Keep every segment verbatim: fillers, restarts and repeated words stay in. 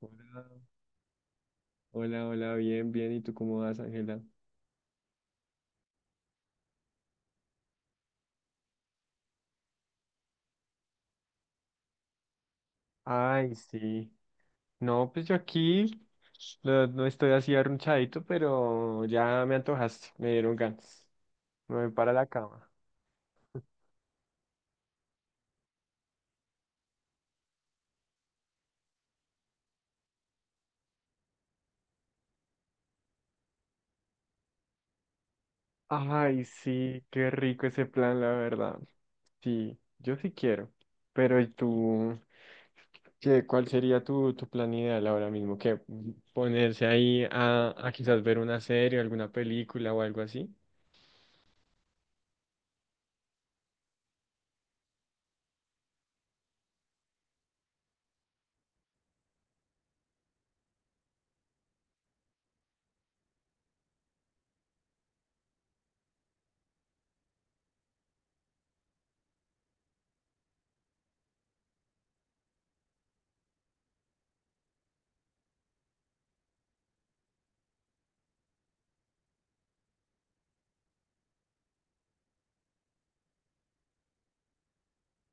Hola, hola, hola, bien, bien. ¿Y tú cómo vas, Ángela? Ay, sí. No, pues yo aquí no, no estoy así arrunchadito, pero ya me antojaste, me dieron ganas. Me voy para la cama. Ay, sí, qué rico ese plan, la verdad. Sí, yo sí quiero. Pero ¿y tú? ¿Qué, cuál sería tu, tu plan ideal ahora mismo? ¿Qué ponerse ahí a, a quizás ver una serie, alguna película o algo así?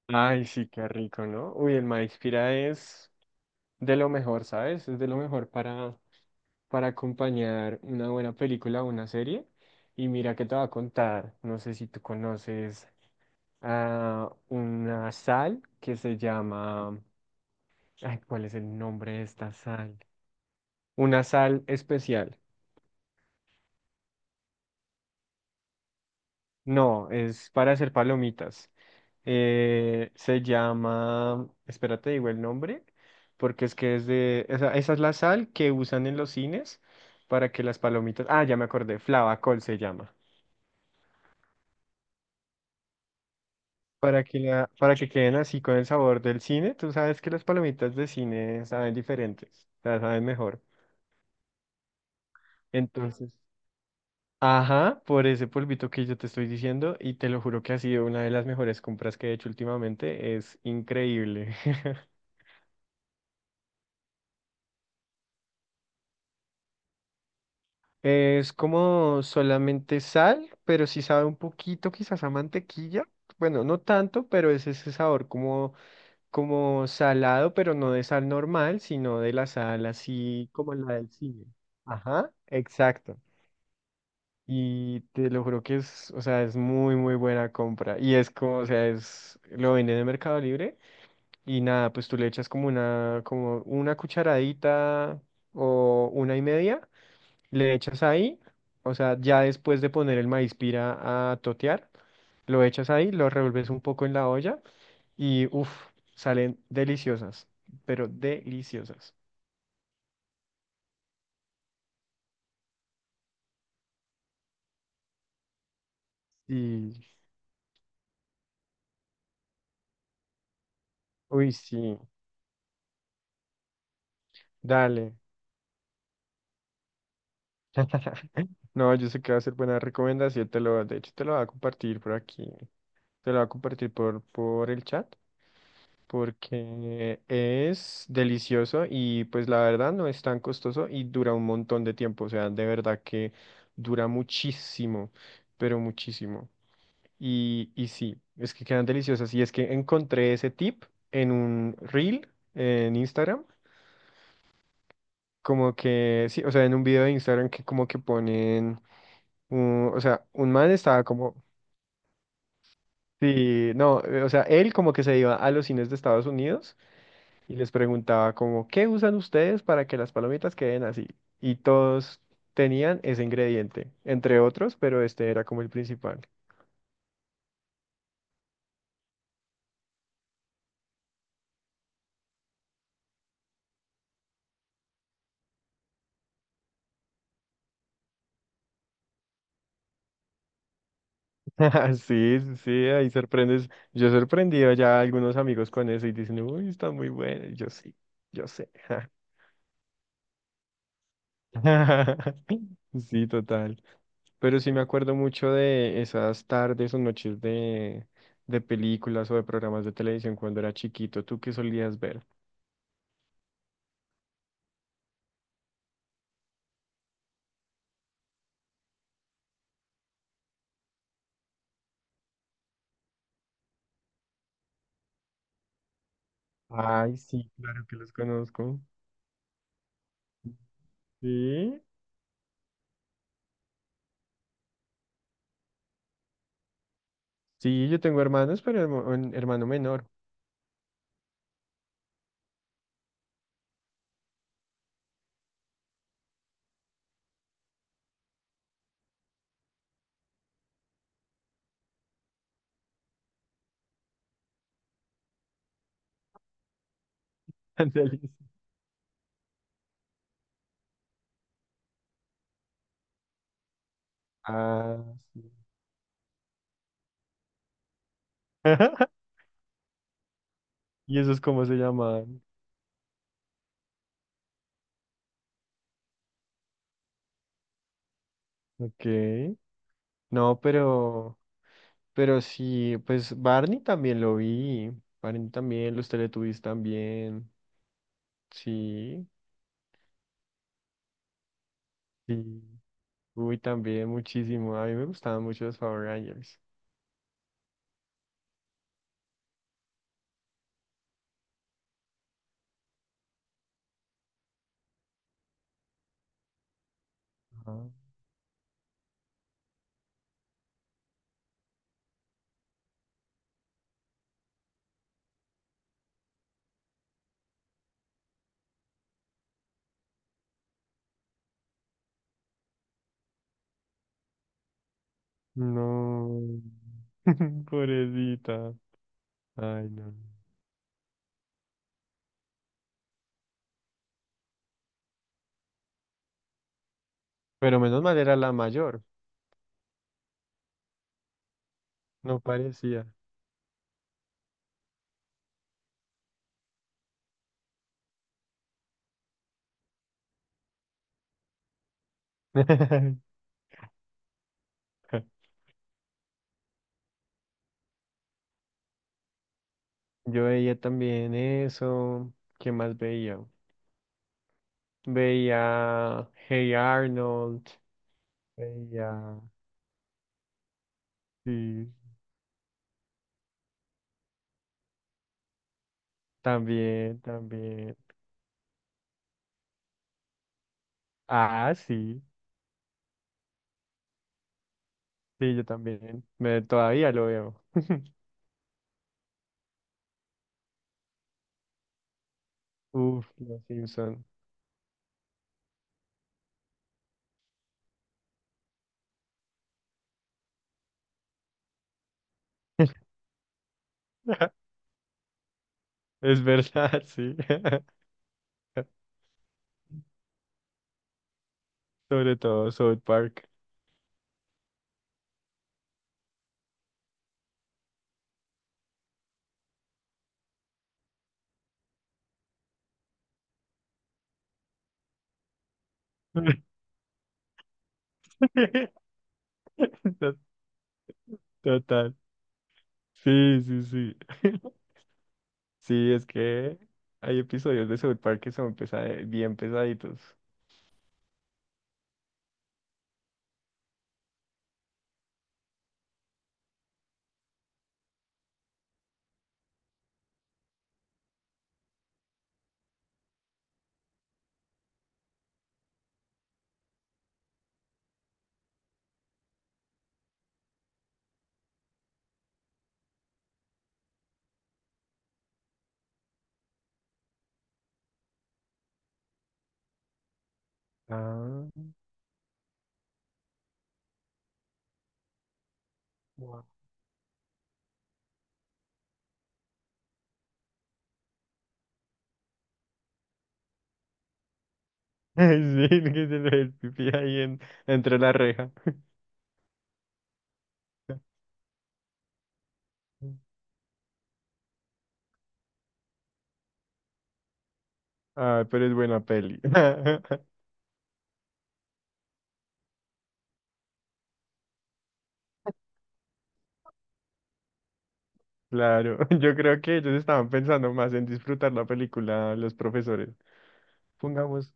Ay, sí, qué rico, ¿no? Uy, el maíz pira es de lo mejor, ¿sabes? Es de lo mejor para, para acompañar una buena película o una serie. Y mira que te va a contar, no sé si tú conoces a una sal que se llama, ay, ¿cuál es el nombre de esta sal? Una sal especial. No, es para hacer palomitas. Eh, se llama, espérate, digo el nombre, porque es que es de, esa, esa es la sal que usan en los cines para que las palomitas, ah, ya me acordé, flavacol se llama, para que, la, para que queden así con el sabor del cine. Tú sabes que las palomitas de cine saben diferentes, o sea, saben mejor. Entonces, ajá, por ese polvito que yo te estoy diciendo, y te lo juro que ha sido una de las mejores compras que he hecho últimamente, es increíble. Es como solamente sal, pero sí sabe un poquito quizás a mantequilla. Bueno, no tanto, pero es ese sabor como, como salado, pero no de sal normal, sino de la sal así como la del cine. Ajá, exacto. Y te lo juro que es, o sea, es muy, muy buena compra. Y es como, o sea, es, lo venden de Mercado Libre y nada, pues tú le echas como una, como una cucharadita o una y media le echas ahí, o sea, ya después de poner el maíz pira a totear, lo echas ahí, lo revuelves un poco en la olla y uff, salen deliciosas, pero deliciosas. Y, uy, sí, dale. No, yo sé que va a ser buena recomendación, te lo, de hecho te lo voy a compartir por aquí, te lo voy a compartir por, por el chat porque es delicioso y pues la verdad no es tan costoso y dura un montón de tiempo, o sea, de verdad que dura muchísimo, pero muchísimo. Y, y sí, es que quedan deliciosas y es que encontré ese tip en un reel en Instagram, como que, sí, o sea, en un video de Instagram que como que ponen, un- o sea, un man estaba como... Sí, no, eh, o sea, él como que se iba a los cines de Estados Unidos y les preguntaba como, ¿qué usan ustedes para que las palomitas queden así? Y todos tenían ese ingrediente, entre otros, pero este era como el principal. Sí, sí, sí, ahí sorprendes. Yo he sorprendido ya a algunos amigos con eso y dicen, uy, está muy bueno. Y yo sí, yo sé. Sí, total. Pero sí me acuerdo mucho de esas tardes o noches de, de películas o de programas de televisión cuando era chiquito. ¿Tú qué solías ver? Ay, sí, claro que los conozco. Sí, sí, yo tengo hermanos, pero hermo- un hermano menor. Ándale. Ah, sí. ¿Y esos cómo se llaman? Ok. No, pero, pero sí, pues Barney también lo vi. Barney también, los Teletubbies también. Sí, sí. Uy, también muchísimo. A mí me gustaban mucho los Power Rangers. Ajá. No. Pobrecita. Ay, no. Pero menos mal era la mayor. No parecía. Yo veía también eso. ¿Qué más veía? Veía Hey Arnold. Veía. Sí, también, también. Ah, sí. Sí, yo también. Me, todavía lo veo. Uf, Los Simpson. Es verdad, sí. Sobre todo South Park. To- Total. Sí, sí, sí. Sí, es que hay episodios de South Park que son pesa- bien pesaditos. Ah, guau. Sí, que se le ve el pipí ahí en- entre la reja. Ah, pero es buena peli. Claro, yo creo que ellos estaban pensando más en disfrutar la película, los profesores. Pongamos,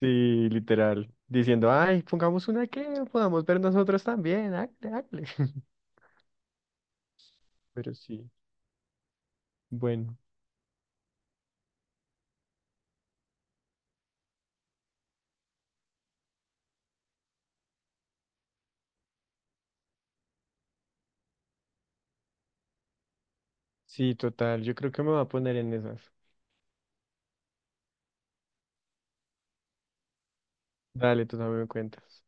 sí, literal, diciendo, ay, pongamos una que podamos ver nosotros también, hágale, hágale". Pero sí, bueno, sí, total, yo creo que me voy a poner en esas. Dale, tú también me cuentas.